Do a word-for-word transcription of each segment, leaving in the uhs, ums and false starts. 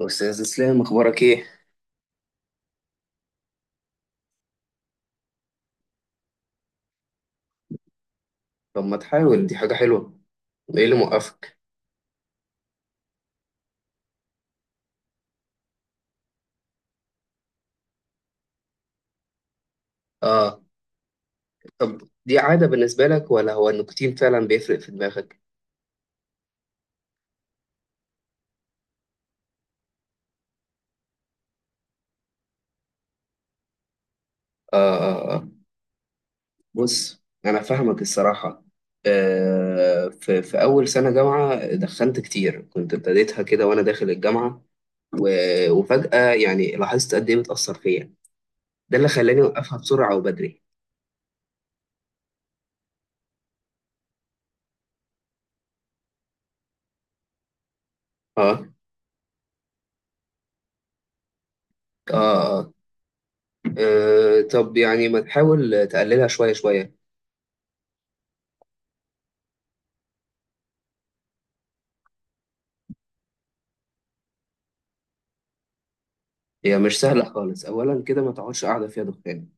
أستاذ إسلام، أخبارك إيه؟ طب ما تحاول، دي حاجة حلوة، إيه اللي موقفك؟ آه. طب دي عادة بالنسبة لك ولا هو النيكوتين فعلا بيفرق في دماغك؟ آه، آه، آه. بص أنا فاهمك الصراحة. آه في, في أول سنة جامعة دخنت كتير، كنت ابتديتها كده وأنا داخل الجامعة و... وفجأة يعني لاحظت قد إيه بتأثر فيا. ده اللي خلاني أوقفها بسرعة وبدري. آه، آه، آه، آه. طب يعني ما تحاول تقللها شوية شوية. هي مش سهلة خالص. أولا كده ما تقعدش قاعدة فيها دخان،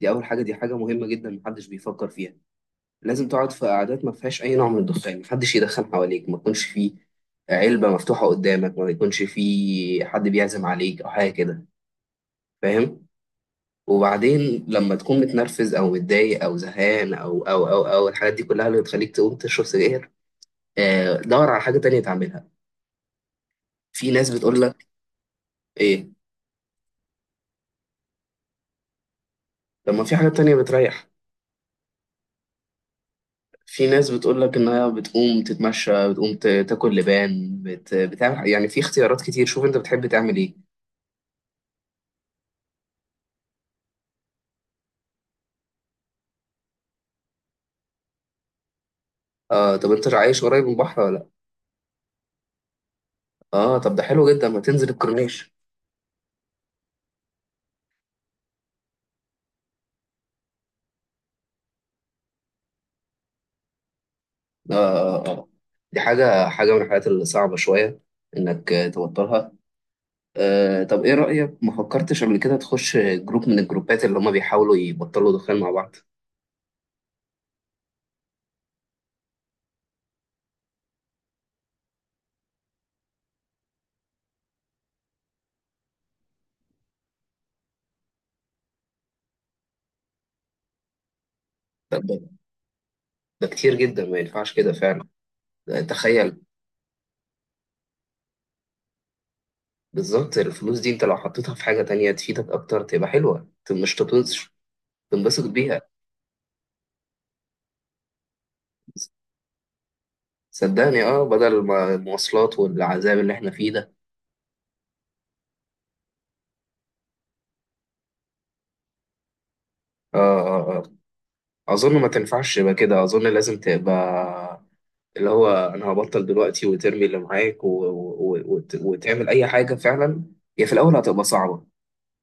دي أول حاجة، دي حاجة مهمة جدا محدش بيفكر فيها. لازم تقعد في قعدات ما فيهاش أي نوع من الدخان، محدش يدخن حواليك، ما يكونش فيه علبة مفتوحة قدامك، ما يكونش فيه حد بيعزم عليك أو حاجة كده. فاهم؟ وبعدين لما تكون متنرفز أو متضايق أو زهقان أو أو أو أو الحاجات دي كلها اللي بتخليك تقوم تشرب سجاير، آه، دور على حاجة تانية تعملها. في ناس بتقول لك. إيه؟ طب ما في حاجة تانية بتريح؟ في ناس بتقول لك ان هي بتقوم تتمشى، بتقوم ت- تاكل لبان، بت... بتعمل، يعني في اختيارات كتير، شوف انت بتحب تعمل ايه. آه، طب انت عايش قريب من البحر ولا لا؟ اه، طب ده حلو جدا، ما تنزل الكورنيش. آه، آه، آه. دي حاجة، حاجة من الحاجات الصعبة شوية، انك آه، توترها. آه طب ايه رأيك، ما فكرتش قبل كده تخش جروب من الجروبات اللي هما بيحاولوا يبطلوا دخان مع بعض؟ ده, ده ده كتير جدا، ما ينفعش كده فعلا. تخيل. بالظبط، الفلوس دي انت لو حطيتها في حاجة تانية تفيدك اكتر تبقى حلوة، ت- مش تطنش، تنبسط بيها. صدقني اه بدل ما المواصلات والعذاب اللي احنا فيه ده. اه، اه، اه. اظن ما تنفعش يبقى كده، اظن لازم تبقى اللي هو، انا هبطل دلوقتي وترمي اللي معاك و... و... و... وت- وتعمل اي حاجة فعلا. هي في الاول هتبقى صعبة،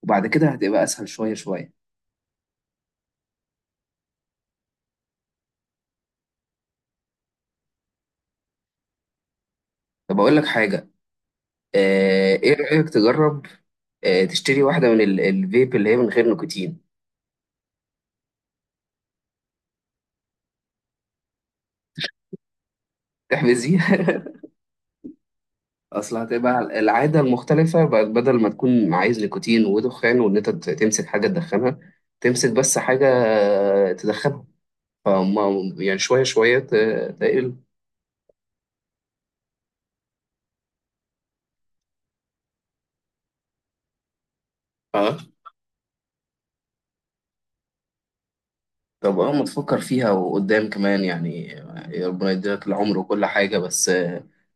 وبعد كده هتبقى اسهل شوية شوية. طب اقول لك حاجة. آه ايه رأيك تجرب، آه تشتري واحدة من ال... الفيب اللي هي من غير نيكوتين. تحبس دي. اصل هتبقى العاده المختلفه، بقت بدل ما تكون عايز نيكوتين ودخان وان انت ت- تمسك حاجه تدخنها، تمسك بس حاجه تدخنها، فما يعني شويه شويه ت- تقل. اه. طب اه ما تفكر فيها وقدام كمان يعني يعني ربنا يديلك العمر وكل حاجه. بس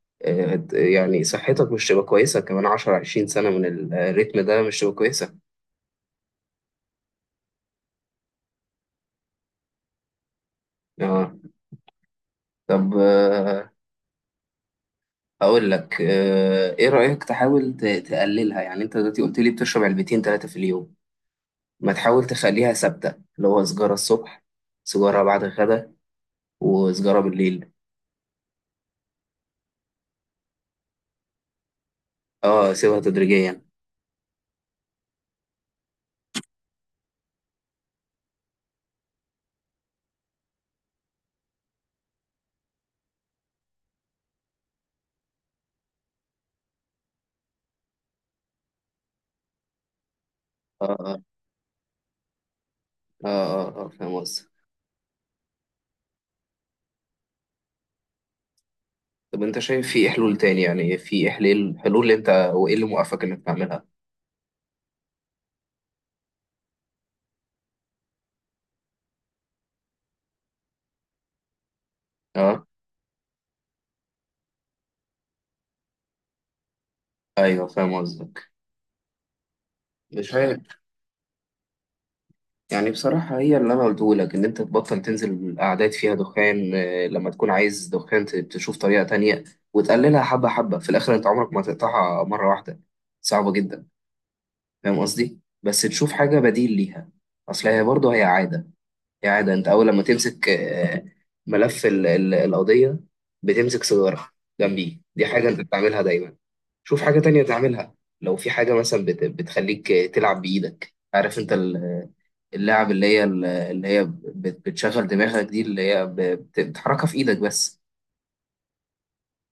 آه، يعني صحتك مش تبقى كويسه كمان عشرة عشرين سنه من الريتم ده، مش تبقى كويسه. اه. طب آه، اقول لك، آه، ايه رايك تحاول ت- تقللها؟ يعني انت دلوقتي قلت لي بتشرب علبتين ثلاثه في اليوم. ما تحاول تخليها ثابتة، اللي هو سجارة الصبح، سجارة بعد الغدا، وسجارة بالليل. اه، سيبها تدريجيا. اه، اه، اه، اه، آه. فاهم قصدك. طب انت شايف في حلول تاني؟ يعني في حلول، حلول اللي انت، وايه اللي موقفك انك تعملها؟ اه، ايوه، فاهم قصدك. مش عارف، يعني بصراحة هي اللي أنا قلته لك، إن أنت تبطل تنزل قعدات فيها دخان، آه، لما تكون عايز دخان ت- تشوف طريقة تانية، وتقللها حبة حبة في الآخر. أنت عمرك ما تقطعها مرة واحدة، صعبة جدا. فاهم قصدي؟ بس تشوف حاجة بديل ليها. اصل هي برضه، هي عادة، هي عادة انت اول لما تمسك آه، ملف ال- ال- القضية، بتمسك سيجارة جنبيه. دي حاجة انت بتعملها دايما. شوف حاجة تانية تعملها. لو في حاجة مثلا بت- بتخليك تلعب بإيدك، عارف انت ال- اللعب اللي هي ال- اللي هي بت- بتشغل دماغك دي، اللي هي ب- بت- بتحركها في إيدك بس.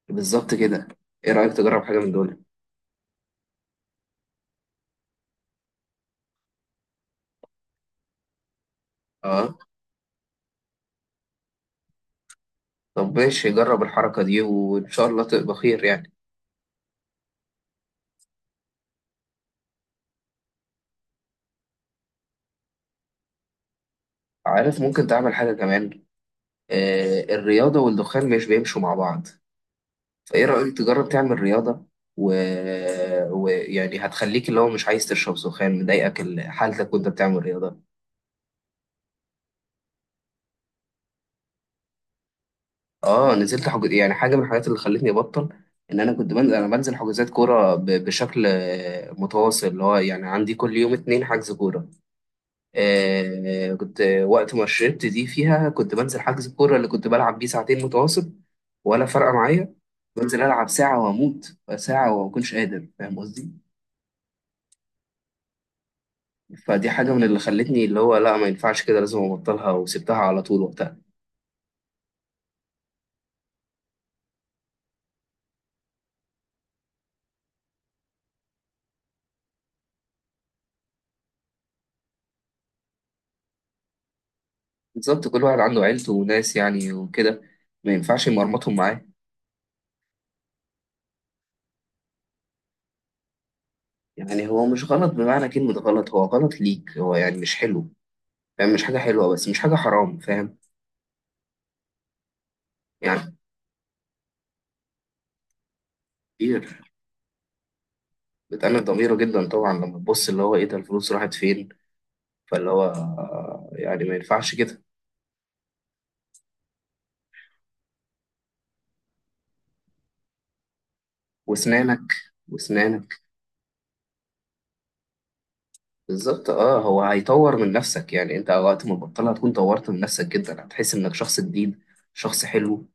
بالظبط كده. ايه رأيك تجرب حاجة من دول؟ اه. طب ماشي، جرب الحركة دي، وان شاء الله تبقى خير يعني. عارف، ممكن تعمل حاجة كمان. آه، الرياضة والدخان مش بيمشوا مع بعض. فإيه رأيك تجرب تعمل رياضة و... ويعني هتخليك اللي هو مش عايز تشرب دخان، مضايقك ال- حالتك وأنت بتعمل رياضة. اه، نزلت حجز، يعني حاجة من الحاجات اللي خلتني أبطل. إن أنا كنت بنزل أنا بنزل حجوزات كورة ب... بشكل آه، متواصل، اللي هو يعني عندي كل يوم اتنين حجز كورة. آه، كنت وقت ما شربت دي فيها كنت بنزل حجز الكورة اللي كنت بلعب بيه ساعتين متواصل، ولا فارقة معايا. بنزل ألعب ساعة وأموت ساعة وما أكونش قادر، فاهم قصدي؟ فدي حاجة من اللي خلتني اللي هو، لا ما ينفعش كده، لازم أبطلها، وسبتها على طول وقتها. بالظبط. كل واحد عنده عيلته وناس يعني وكده، ما ينفعش يمرمطهم معاه. يعني هو مش غلط، بمعنى كلمة غلط، هو غلط ليك، هو يعني مش حلو. فاهم؟ مش حاجة حلوة، بس مش حاجة حرام. فاهم؟ يعني كتير. بتأنب ضميره جدا طبعا، لما تبص اللي هو ايه ده، الفلوس راحت فين؟ فاللي هو آه، يعني ما ينفعش كده. واسنانك. واسنانك. بالظبط. اه هو هيطور من نفسك، يعني انت وقت ما تبطلها هتكون طورت من نفسك جدا، هتحس انك شخص جديد، شخص حلو.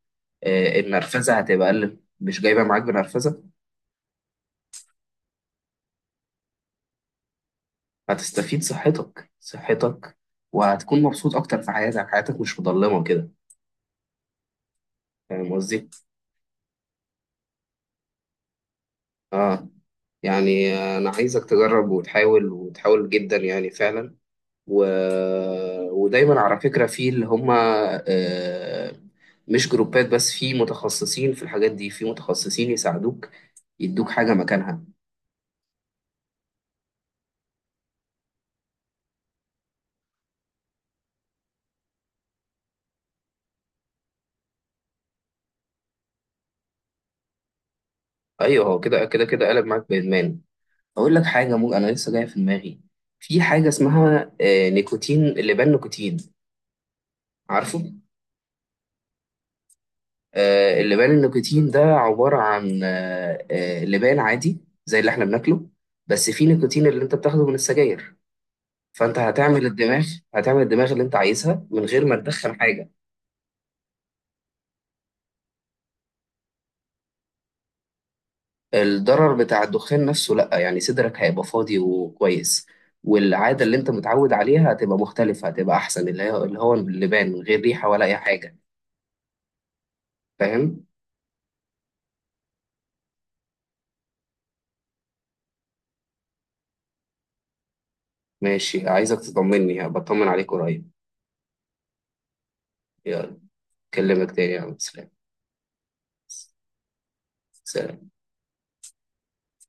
آه، النرفزة هتبقى أقل، مش جايبة معاك بنرفزة. هتستفيد صحتك، صحتك. وهتكون مبسوط أكتر في حياتك، حياتك مش مضلمة كده. فاهم قصدي؟ آه يعني أنا عايزك تجرب وتحاول، وتحاول جدا يعني فعلا. و... ودايما على فكرة، في اللي هم آه، مش جروبات بس، في متخصصين في الحاجات دي، في متخصصين يساعدوك، يدوك حاجة مكانها. أيوه، هو كده، كده، كده، قلب معاك بإدمان. أقول لك حاجة مو أنا لسه جاية في دماغي. في حاجة اسمها آه، نيكوتين اللبان، نيكوتين. عارفه؟ آه، اللبان النيكوتين ده عبارة عن آه، آه، لبان عادي زي اللي احنا بناكله، بس فيه نيكوتين اللي انت بتاخده من السجاير. فانت هتعمل الدماغ هتعمل الدماغ اللي انت عايزها من غير ما تدخن حاجه. الضرر بتاع الدخان نفسه لا، يعني صدرك هيبقى فاضي وكويس، والعاده اللي انت متعود عليها هتبقى مختلفه، هتبقى احسن، اللي هي اللي هو اللبان من غير ريحه ولا اي حاجه. فاهم؟ ماشي، عايزك تطمني، بطمن عليك قريب. يلا، اكلمك تاني يا عم. سلام. سلام.